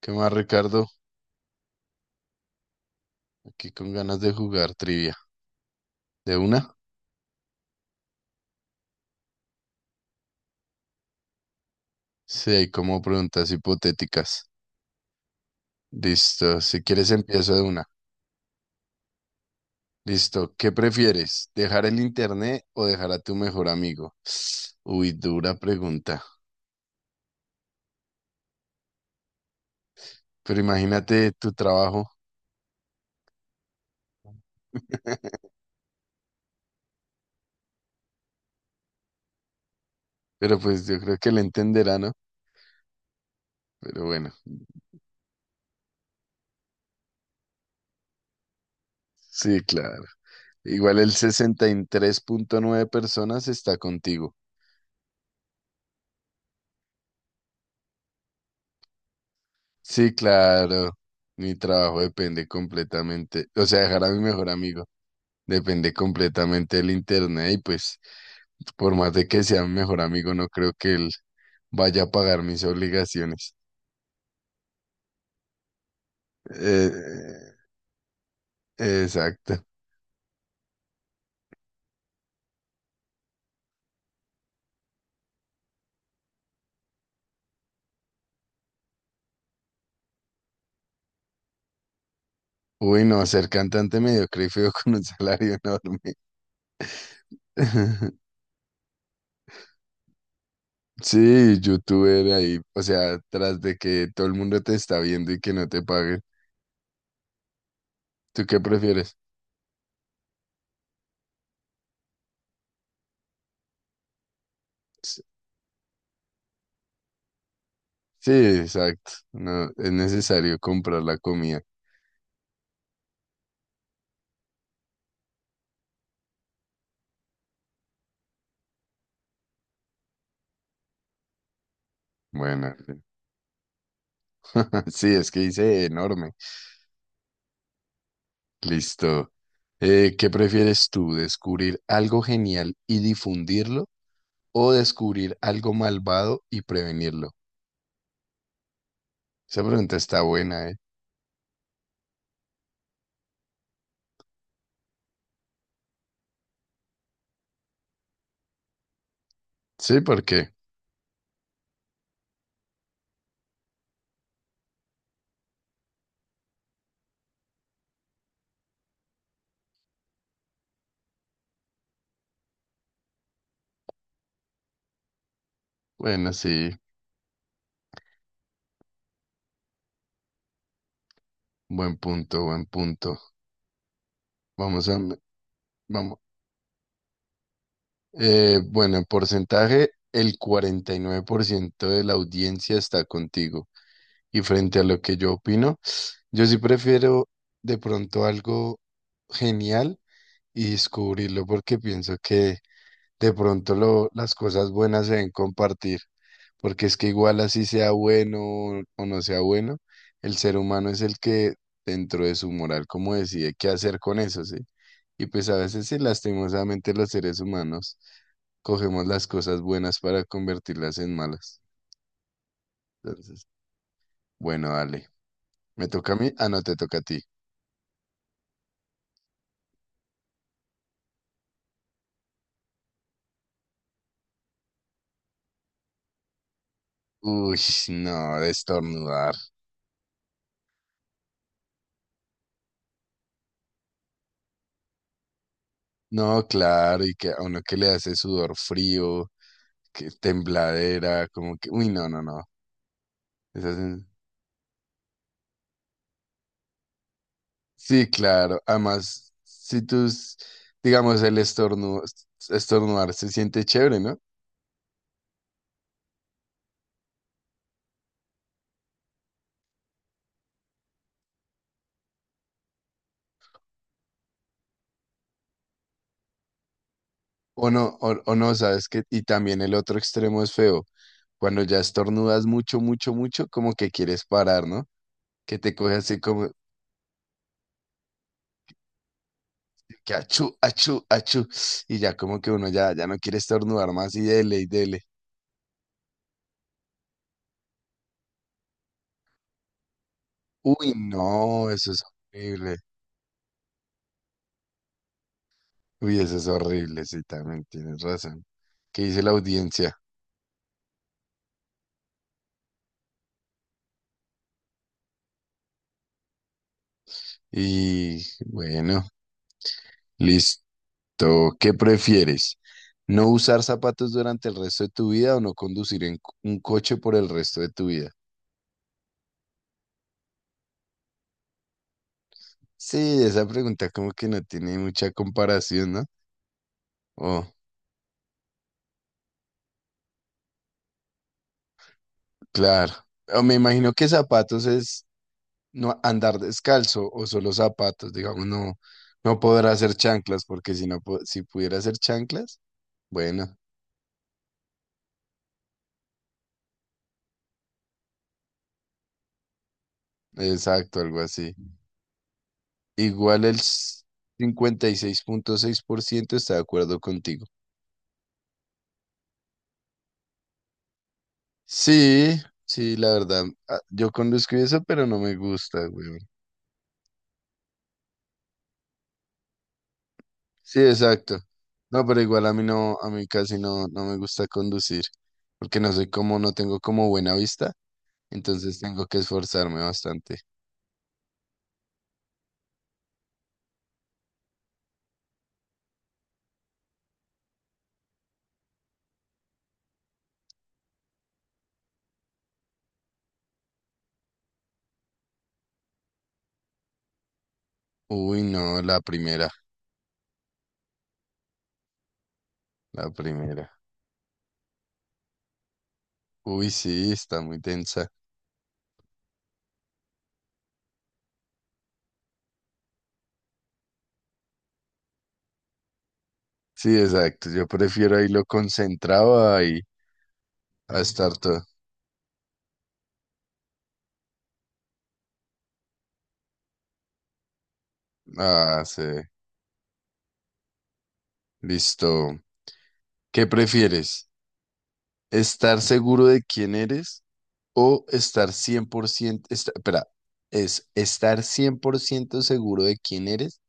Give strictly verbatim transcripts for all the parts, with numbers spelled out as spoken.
¿Qué más, Ricardo? Aquí con ganas de jugar trivia. ¿De una? Sí, hay como preguntas hipotéticas. Listo, si quieres empiezo de una. Listo, ¿qué prefieres? ¿Dejar el internet o dejar a tu mejor amigo? Uy, dura pregunta. Pero imagínate tu trabajo. Pero pues yo creo que le entenderá, ¿no? Pero bueno, sí, claro. Igual el sesenta y tres punto nueve personas está contigo. Sí, claro. Mi trabajo depende completamente, o sea, dejar a mi mejor amigo depende completamente del internet y pues por más de que sea mi mejor amigo, no creo que él vaya a pagar mis obligaciones. Eh, exacto. Uy, no, ser cantante mediocre y feo con un salario enorme. Sí, youtuber ahí, o sea, tras de que todo el mundo te está viendo y que no te paguen. ¿Tú qué prefieres? Sí, exacto. No, es necesario comprar la comida. Bueno, sí, es que hice enorme. Listo. Eh, ¿qué prefieres tú, descubrir algo genial y difundirlo o descubrir algo malvado y prevenirlo? Esa pregunta está buena, ¿eh? Sí, ¿por qué? Bueno, sí, buen punto, buen punto. Vamos a, vamos. Eh, bueno, en porcentaje, el cuarenta y nueve por ciento de la audiencia está contigo. Y frente a lo que yo opino, yo sí prefiero de pronto algo genial y descubrirlo porque pienso que de pronto lo- las cosas buenas se deben compartir, porque es que igual así sea bueno o no sea bueno, el ser humano es el que dentro de su moral como decide qué hacer con eso, ¿sí? Y pues a veces sí, lastimosamente los seres humanos cogemos las cosas buenas para convertirlas en malas. Entonces, bueno, dale. ¿Me toca a mí? Ah, no, te toca a ti. Uy, no, de estornudar. No, claro, y que a uno que le hace sudor frío, que tembladera, como que, uy, no, no, no. Esas sen- Sí, claro. Además, si tú, s- digamos, el estornu- estornudar se siente chévere, ¿no? O no, o, o no, sabes que, y también el otro extremo es feo. Cuando ya estornudas mucho, mucho, mucho, como que quieres parar, ¿no? Que te coge así como que achú, achú, achú. Y ya como que uno ya, ya no quiere estornudar más y dele y dele. Uy, no, eso es horrible. Uy, eso es horrible, sí, también tienes razón. ¿Qué dice la audiencia? Y bueno, listo. ¿Qué prefieres? ¿No usar zapatos durante el resto de tu vida o no conducir en co- un coche por el resto de tu vida? Sí, esa pregunta como que no tiene mucha comparación, ¿no? Oh, claro. O me imagino que zapatos es no andar descalzo o solo zapatos, digamos, no, no podrá hacer chanclas, porque si no, po- si pudiera hacer chanclas, bueno, exacto, algo así. Igual el s- cincuenta y seis seis punto seis por ciento está de acuerdo contigo. Sí, sí, la verdad, ah, yo conduzco y eso, pero no me gusta, güey. Sí, exacto. No, pero igual a mí no, a mí casi no, no me gusta conducir, porque no sé cómo, no tengo como buena vista, entonces tengo que esforzarme bastante. Uy, no, la primera, la primera. Uy, sí, está muy tensa. Sí, exacto. Yo prefiero ahí lo concentrado ahí a estar todo. Ah, sí. Listo. ¿Qué prefieres? ¿Estar seguro de quién eres o estar cien por ciento, esta- espera, es estar cien por ciento seguro de quién eres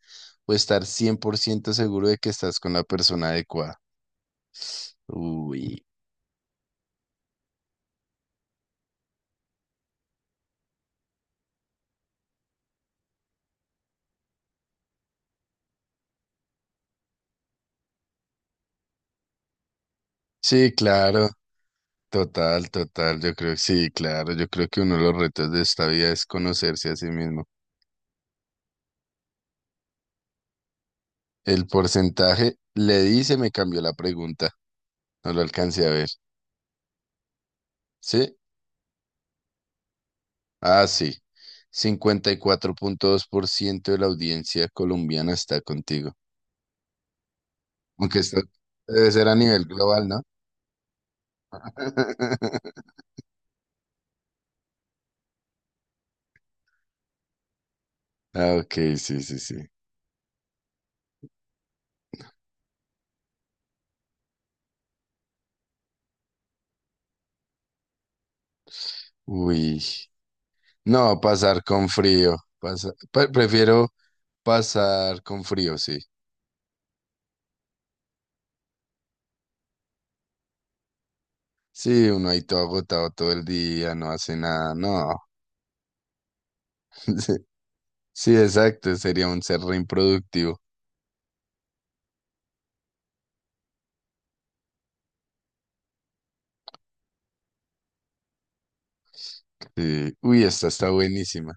o estar cien por ciento seguro de que estás con la persona adecuada? Uy. Sí, claro. Total, total, yo creo que sí, claro, yo creo que uno de los retos de esta vida es conocerse a sí mismo. El porcentaje, le di, se me cambió la pregunta, no lo alcancé a ver. ¿Sí? Ah, sí. Cincuenta y cuatro punto dos por ciento de la audiencia colombiana está contigo. Aunque esto debe ser a nivel global, ¿no? Ah, ok, sí, sí, sí. Uy, no, pasar con frío. pasa- pre- prefiero pasar con frío, sí. Sí, uno ahí todo agotado todo el día, no hace nada, no. Sí, sí, exacto, sería un ser re improductivo. Sí. Uy, esta está buenísima.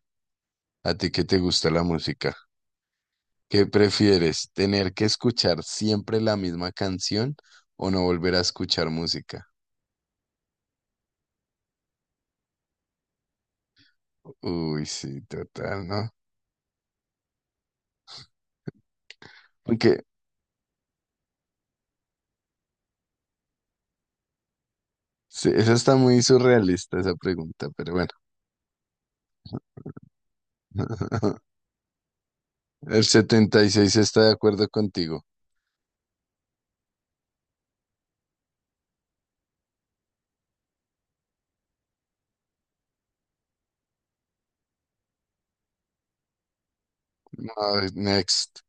¿A ti qué te gusta la música? ¿Qué prefieres? ¿Tener que escuchar siempre la misma canción o no volver a escuchar música? Uy, sí, total, ¿no? Aunque sí, esa está muy surrealista, esa pregunta, pero bueno. El setenta y seis está de acuerdo contigo. No, next.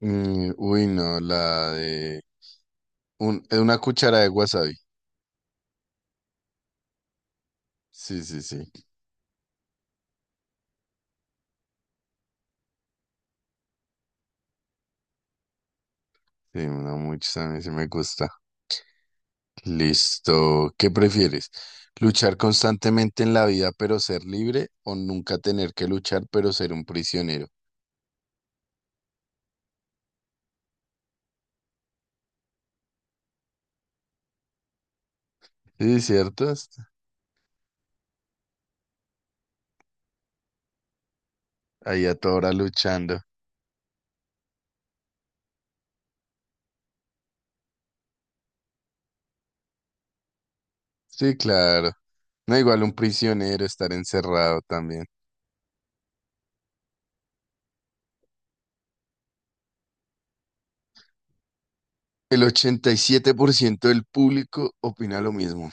Mm, uy, no, la de Un- una cuchara de wasabi. Sí, sí, sí. Sí, una mucho también sí me gusta. Listo. ¿Qué prefieres? ¿Luchar constantemente en la vida pero ser libre o nunca tener que luchar pero ser un prisionero? Sí, cierto. Est- Ahí a toda hora luchando. Sí, claro. No igual un prisionero estar encerrado también. El ochenta y siete por ciento del público opina lo mismo.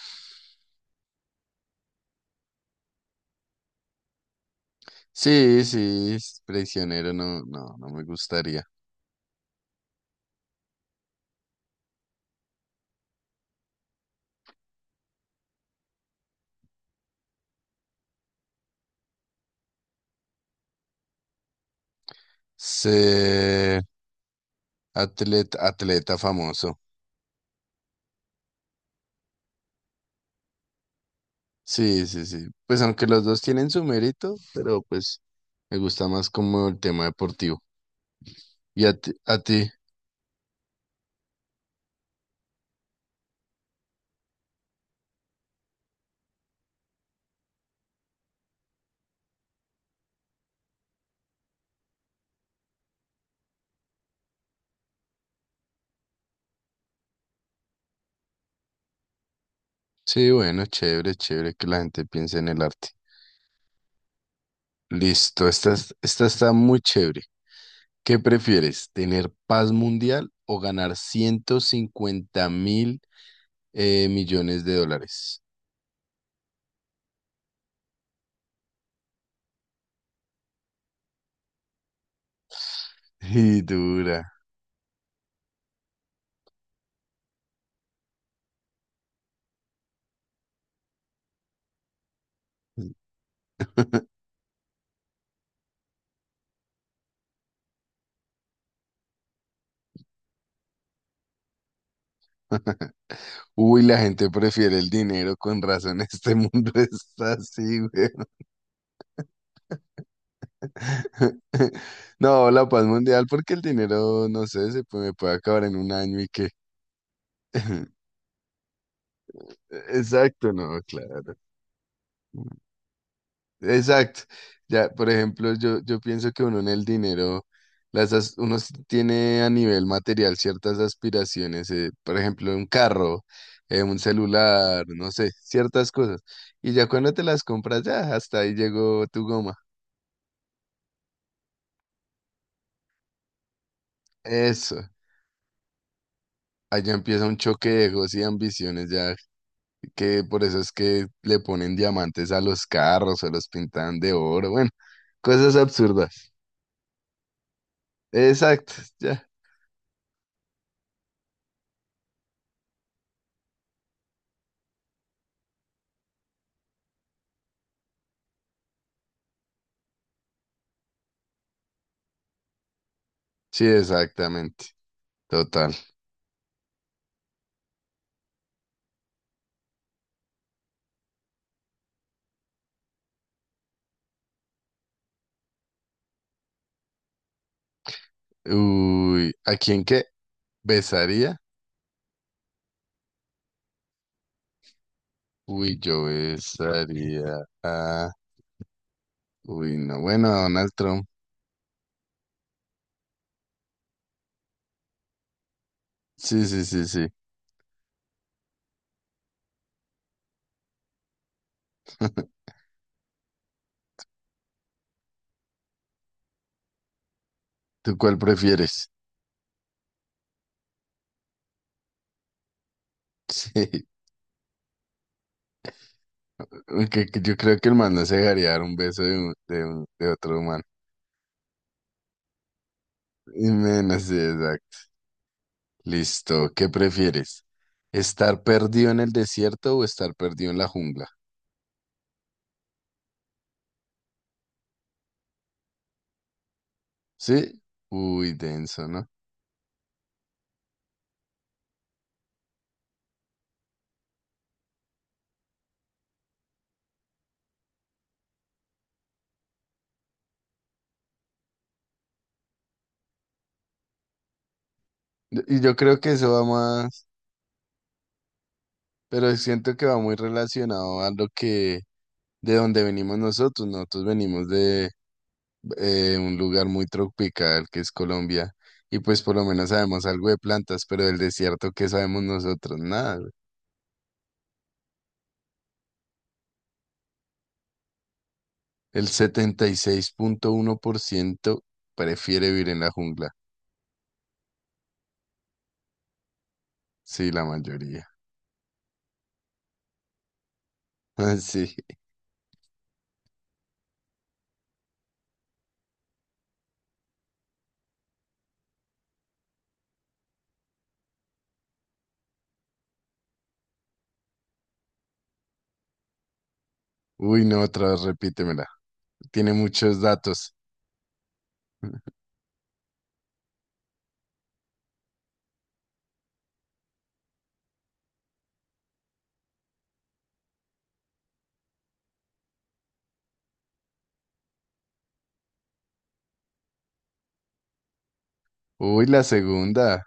Sí, sí, es prisionero no, no, no me gustaría. Sí. Atleta, atleta famoso. Sí, sí, sí. Pues aunque los dos tienen su mérito, pero pues me gusta más como el tema deportivo. ¿Y a ti? ¿A ti? Sí, bueno, chévere, chévere que la gente piense en el arte. Listo, esta, es- esta está muy chévere. ¿Qué prefieres, tener paz mundial o ganar ciento cincuenta mil eh, millones de dólares? Y dura. Uy, la gente prefiere el dinero, con razón. Este mundo está así, güey. No, la paz mundial, porque el dinero, no sé, se puede, me puede acabar en un año y qué. Exacto, no, claro. Exacto. Ya, por ejemplo, yo, yo pienso que uno en el dinero, las, as- uno s- tiene a nivel material ciertas aspiraciones, eh, por ejemplo, un carro, eh, un celular, no sé, ciertas cosas. Y ya cuando te las compras, ya hasta ahí llegó tu goma. Eso. Allá empieza un choque de egos y ambiciones ya que por eso es que le ponen diamantes a los carros o los pintan de oro, bueno, cosas absurdas. Exacto, ya. Sí, exactamente. Total. Uy, ¿a quién qué? ¿Besaría? Uy, yo besaría a... Uy, no, bueno, a Donald Trump. Sí, sí, sí, sí. ¿Tú cuál prefieres? Sí, aunque que yo creo que el man no se dejaría dar un beso de, un- de, un- de otro humano. Y menos, sí, exacto. Listo, ¿qué prefieres? ¿Estar perdido en el desierto o estar perdido en la jungla? ¿Sí? Uy, denso, ¿no? Y yo creo que eso va más, pero siento que va muy relacionado a lo que, de donde venimos nosotros, ¿no? Nosotros venimos de eh, un lugar muy tropical que es Colombia, y pues por lo menos sabemos algo de plantas, pero del desierto, ¿qué sabemos nosotros? Nada, güey. El setenta y seis punto uno por ciento prefiere vivir en la jungla. Sí, la mayoría. Sí. Uy, no, otra vez repítemela. Tiene muchos datos. Uy, la segunda.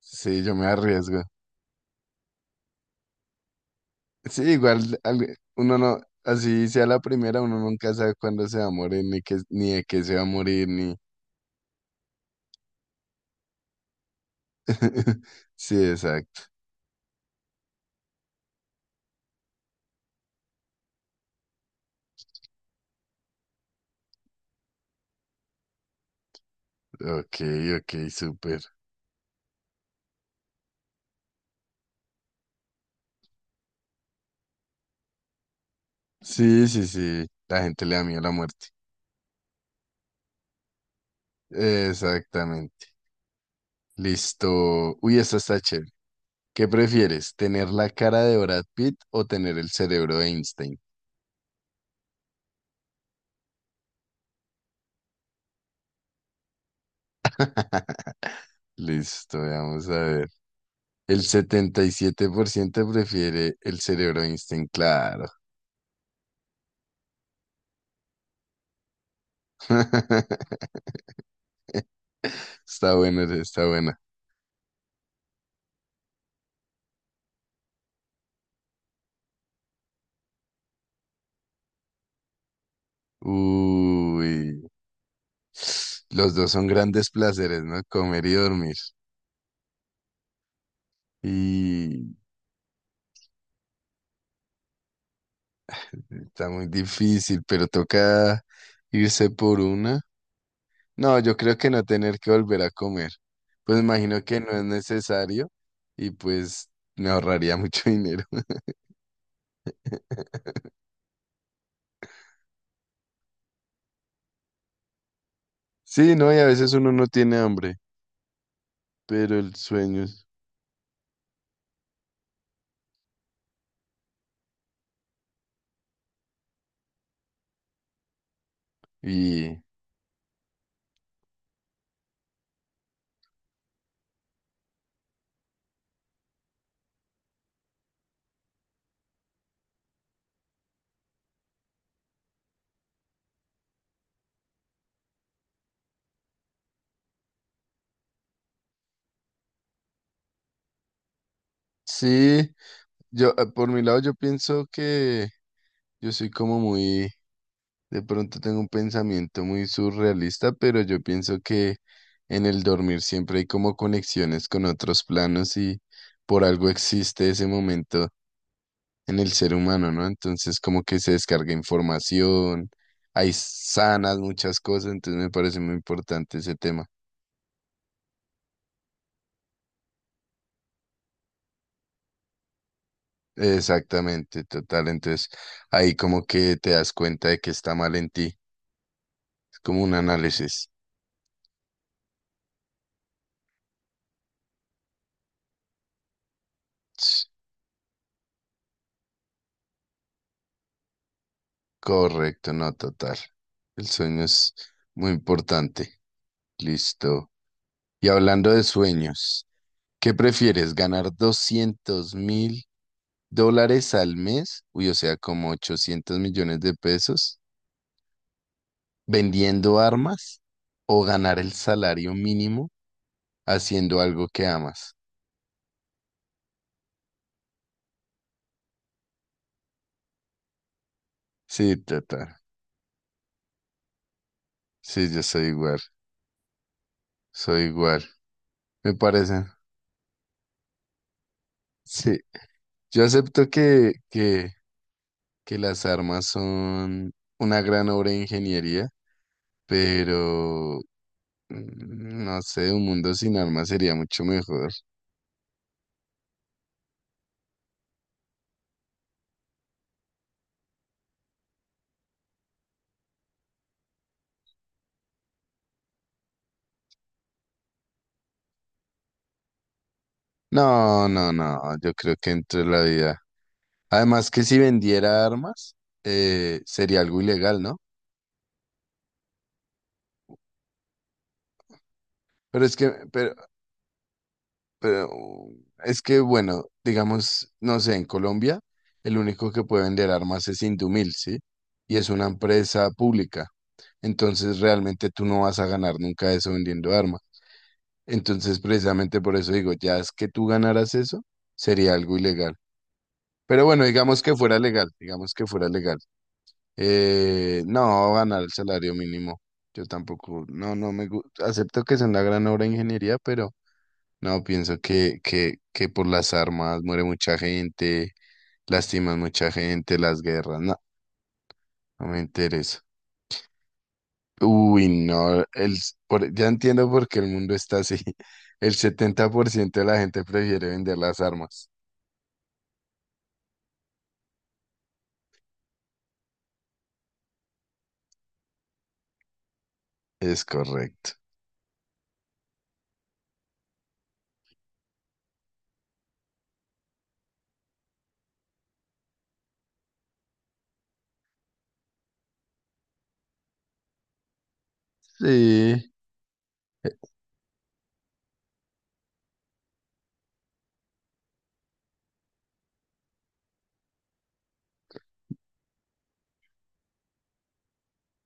Sí, yo me arriesgo. Sí, igual al- uno no, así sea la primera, uno nunca sabe cuándo se va a morir, ni qué, ni de qué se va a morir, ni. Sí, exacto. Ok, ok, súper. Sí, sí, sí. La gente le da miedo a la muerte. Exactamente. Listo. Uy, esta está chévere. ¿Qué prefieres? ¿Tener la cara de Brad Pitt o tener el cerebro de Einstein? Listo, vamos a ver. El setenta y siete por ciento prefiere el cerebro de Einstein, claro. Está bueno, está buena. Uy. Los dos son grandes placeres, ¿no? Comer y dormir. Y está muy difícil, pero toca irse por una. No, yo creo que no tener que volver a comer. Pues imagino que no es necesario y pues me ahorraría mucho dinero. Sí, no, y a veces uno no tiene hambre, pero el sueño es- y sí, yo eh, por mi lado yo pienso que yo soy como muy, de pronto tengo un pensamiento muy surrealista, pero yo pienso que en el dormir siempre hay como conexiones con otros planos y por algo existe ese momento en el ser humano, ¿no? Entonces como que se descarga información, hay sanas muchas cosas, entonces me parece muy importante ese tema. Exactamente, total. Entonces ahí como que te das cuenta de que está mal en ti. Es como un análisis. Ts- Correcto, no, total. El sueño es muy importante. Listo. Y hablando de sueños, ¿qué prefieres? ¿Ganar doscientos mil dólares al mes? Uy, o sea, como ochocientos millones de pesos, vendiendo armas o ganar el salario mínimo haciendo algo que amas. Sí, total. Sí, yo soy igual. Soy igual. Me parece. Sí. Yo acepto que, que, que las armas son una gran obra de ingeniería, pero mm, no sé, un mundo sin armas sería mucho mejor. No, no, no. Yo creo que entre la vida. Además que si vendiera armas, eh, sería algo ilegal, ¿no? Pero es que, pero, Pero es que, bueno, digamos, no sé, en Colombia el único que puede vender armas es Indumil, ¿sí? Y es una empresa pública. Entonces realmente tú no vas a ganar nunca eso vendiendo armas. Entonces precisamente por eso digo, ya es que tú ganaras eso, sería algo ilegal. Pero bueno, digamos que fuera legal, digamos que fuera legal. Eh, no, ganar el salario mínimo. Yo tampoco, no, no me gusta. Acepto que es una gran obra de ingeniería, pero... No, pienso que, que, que por las armas muere mucha gente, lastiman mucha gente, las guerras, no, no me interesa. Uy, no, el, s- por- ya entiendo por qué el mundo está así. El setenta por ciento de la gente prefiere vender las armas. Es correcto. Sí. eh,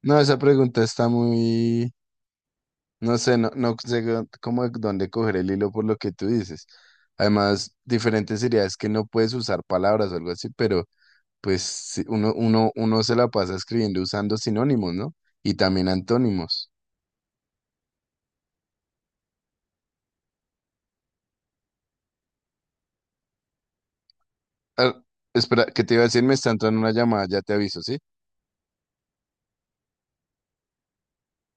No, esa pregunta está muy, no sé, no, no sé go- cómo, dónde coger el hilo por lo que tú dices. Además, diferente sería es que no puedes usar palabras o algo así, pero... pues sí, uno, uno, uno se la pasa escribiendo usando sinónimos, ¿no? Y también antónimos. Ah, espera, ¿qué te iba a decir? Me está entrando una llamada, ya te aviso, ¿sí?